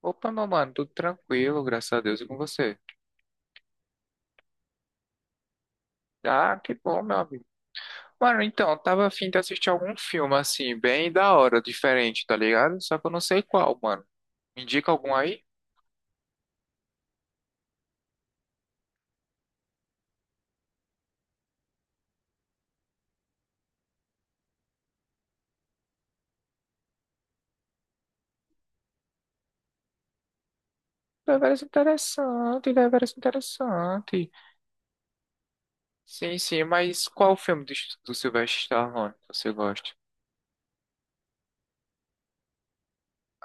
Opa, meu mano, tudo tranquilo, graças a Deus e com você. Ah, que bom, meu amigo. Mano, então, eu tava afim de assistir algum filme assim, bem da hora, diferente, tá ligado? Só que eu não sei qual, mano. Me Indica algum aí? Deveras interessante, deveras interessante. Sim, sim, mas qual o filme do Sylvester Stallone que você gosta?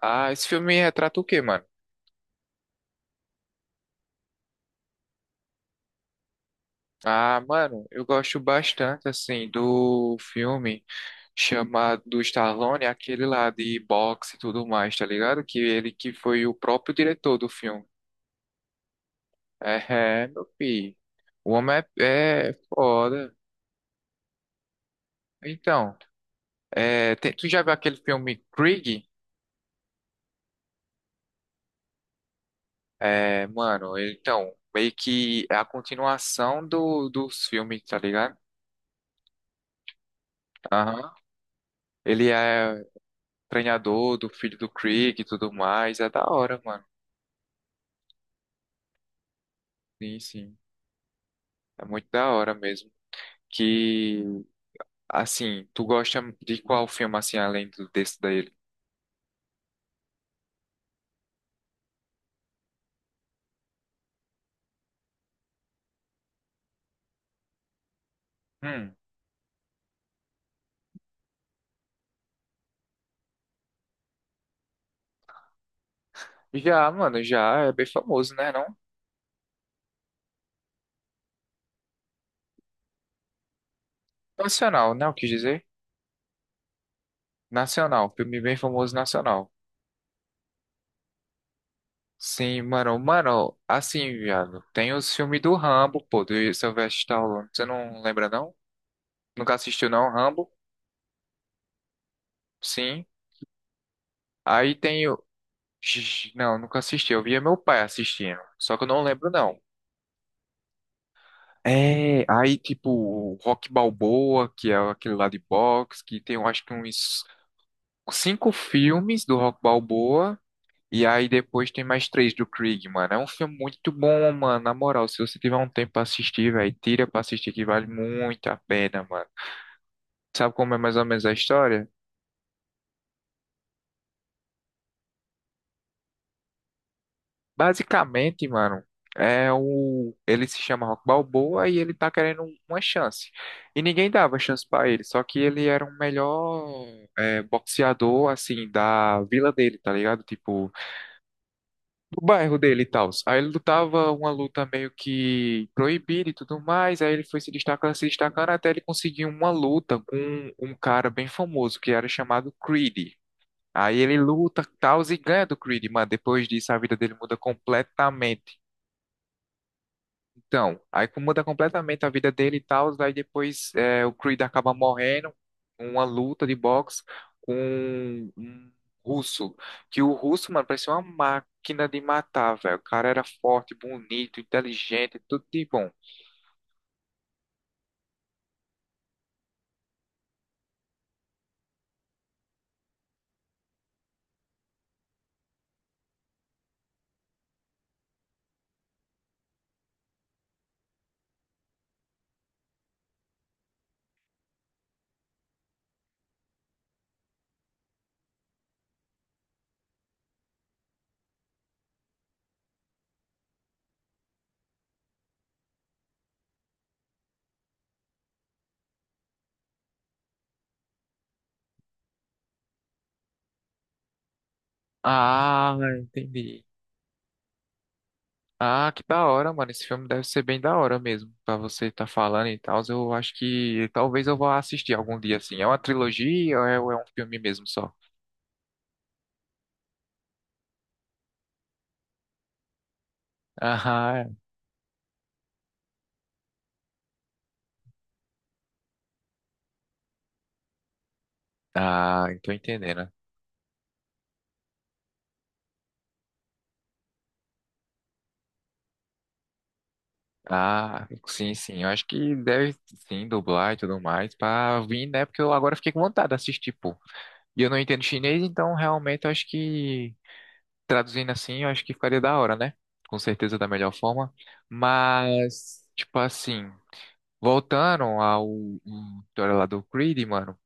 Ah, esse filme retrata o quê, mano? Ah, mano, eu gosto bastante, assim, do filme chamado do Stallone, aquele lá de boxe e tudo mais, tá ligado? Que ele que foi o próprio diretor do filme. É, é, meu filho. O homem é foda. Então, é, tu já viu aquele filme Krieg? É, mano, então, meio que é a continuação dos filmes, tá ligado? Aham. Ele é treinador do filho do Krieg e tudo mais. É da hora, mano. Sim, sim. É muito da hora mesmo. Que, assim, tu gosta de qual filme, assim, além do, desse daí? Hum, já, mano, já é bem famoso, né, não? Nacional, né, eu quis dizer? Nacional, filme bem famoso nacional. Sim, mano, mano, assim, viado, tem os filmes do Rambo, pô, do Sylvester Stallone, você não lembra, não? Nunca assistiu, não, Rambo? Sim. Aí tem o... Ixi, não, nunca assisti, eu via meu pai assistindo, só que eu não lembro, não. É, aí tipo o Rock Balboa, que é aquele lá de boxe, que tem eu acho que uns cinco filmes do Rock Balboa, e aí depois tem mais três do Krieg, mano. É um filme muito bom, mano, na moral, se você tiver um tempo pra assistir, velho, tira pra assistir que vale muito a pena, mano. Sabe como é mais ou menos a história? Basicamente, mano, é o ele se chama Rock Balboa e ele tá querendo uma chance. E ninguém dava chance pra ele, só que ele era o melhor é, boxeador assim da vila dele, tá ligado? Tipo, do bairro dele e tal. Aí ele lutava uma luta meio que proibida e tudo mais, aí ele foi se destacando, se destacando até ele conseguir uma luta com um cara bem famoso que era chamado Creed. Aí ele luta, tal, e ganha do Creed, mano. Depois disso, a vida dele muda completamente. Então, aí como muda completamente a vida dele e tal, aí depois é, o Creed acaba morrendo uma luta de boxe com um russo. Que o russo, mano, parecia uma máquina de matar, velho. O cara era forte, bonito, inteligente, tudo de bom. Ah, entendi. Ah, que da hora, mano. Esse filme deve ser bem da hora mesmo, pra você estar falando e tal. Eu acho que talvez eu vá assistir algum dia, assim. É uma trilogia ou é um filme mesmo só? Ah, ah, tô entendendo. Ah, sim, sim. Eu acho que deve sim dublar e tudo mais pra vir, né? Porque eu agora fiquei com vontade de assistir, pô. E eu não entendo chinês, então realmente eu acho que traduzindo assim, eu acho que ficaria da hora, né? Com certeza da melhor forma. Mas, tipo assim, voltando ao à história lá do Creed, mano.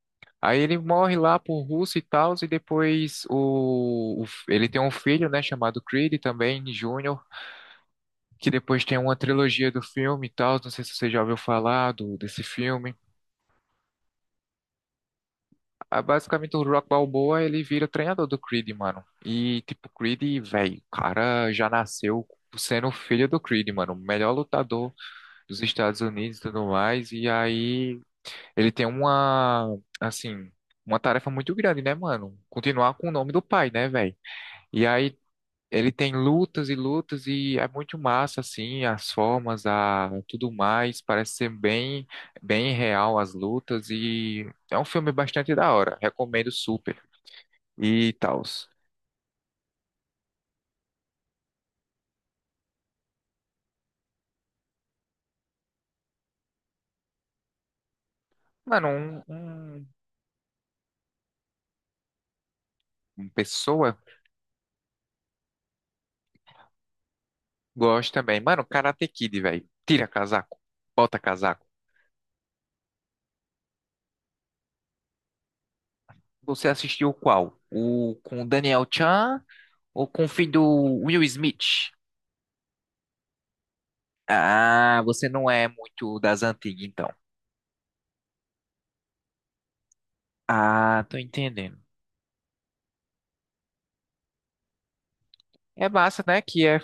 Aí ele morre lá pro russo e tal, e depois ele tem um filho, né, chamado Creed também, Júnior que depois tem uma trilogia do filme e tal, não sei se você já ouviu falar desse filme. Ah, basicamente o Rock Balboa, ele vira treinador do Creed, mano. E tipo, Creed, velho, o cara já nasceu sendo filho do Creed, mano, o melhor lutador dos Estados Unidos e tudo mais. E aí ele tem uma, assim, uma tarefa muito grande, né, mano? Continuar com o nome do pai, né, velho? E aí Ele tem lutas e lutas e é muito massa, assim, as formas, a tudo mais, parece ser bem, bem real as lutas e é um filme bastante da hora, recomendo super e tals. Mano, um- uma pessoa gosta também. Mano, Karate Kid, velho, tira casaco, bota casaco. Você assistiu qual? O com o Daniel Chan ou com o filho do Will Smith? Ah, você não é muito das antigas, então. Ah, tô entendendo. É massa, né? Que é,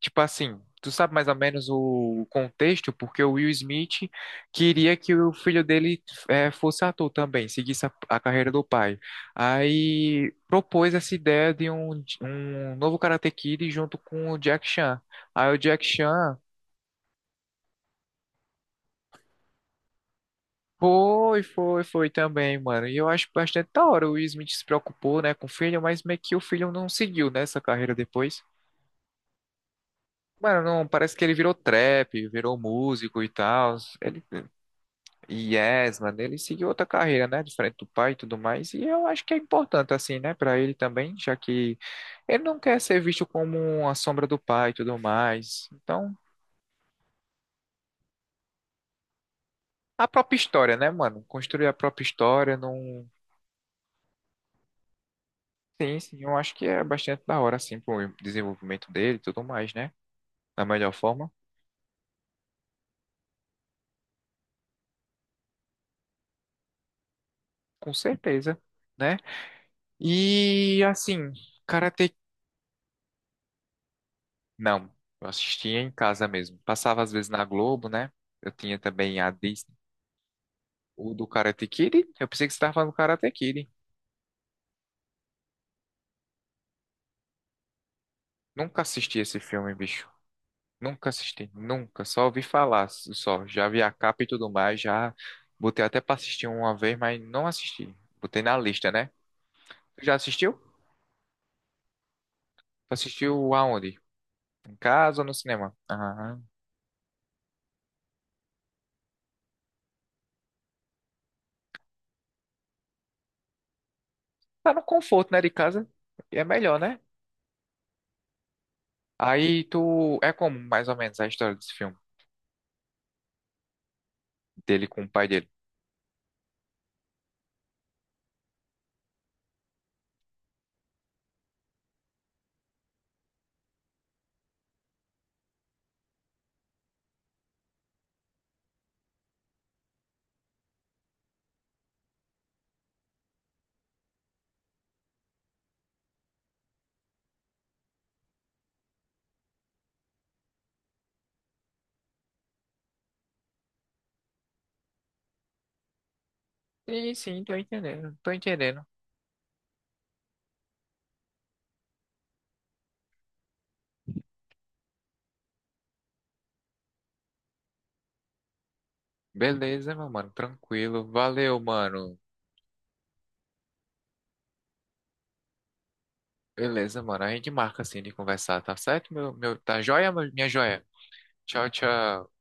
tipo assim, tu sabe mais ou menos o contexto, porque o Will Smith queria que o filho dele fosse ator também, seguisse a carreira do pai. Aí propôs essa ideia de um novo Karate Kid junto com o Jack Chan. Aí o Jack Chan foi, foi também, mano. E eu acho bastante da hora. O Will Smith se preocupou, né, com o filho, mas meio que o filho não seguiu, nessa carreira depois. Mano, não, parece que ele virou trap, virou músico e tal. Ele, yes, mano, ele seguiu outra carreira, né? Diferente do pai e tudo mais. E eu acho que é importante, assim, né, pra ele também, já que ele não quer ser visto como a sombra do pai e tudo mais. Então, a própria história, né, mano? Construir a própria história não. Sim, sim, eu acho que é bastante da hora, assim, pro desenvolvimento dele e tudo mais, né? Da melhor forma, com certeza, né? E, assim, cara, não, eu assistia em casa mesmo. Passava às vezes na Globo, né? Eu tinha também a Disney. O do Karate Kid? Eu pensei que você estava falando do Karate Kid. Nunca assisti esse filme, bicho. Nunca assisti, nunca. Só ouvi falar, só. Já vi a capa e tudo mais. Já botei até pra assistir uma vez, mas não assisti. Botei na lista, né? Tu já assistiu? Tu assistiu aonde? Em casa ou no cinema? Aham. Tá no conforto, né? De casa. É melhor, né? Aí tu. É como mais ou menos a história desse filme? Dele com o pai dele. Sim, sim, tô entendendo, tô entendendo. Beleza, meu mano, tranquilo. Valeu, mano. Beleza, mano. A gente marca assim de conversar, tá certo? Tá joia, minha joia? Tchau, tchau.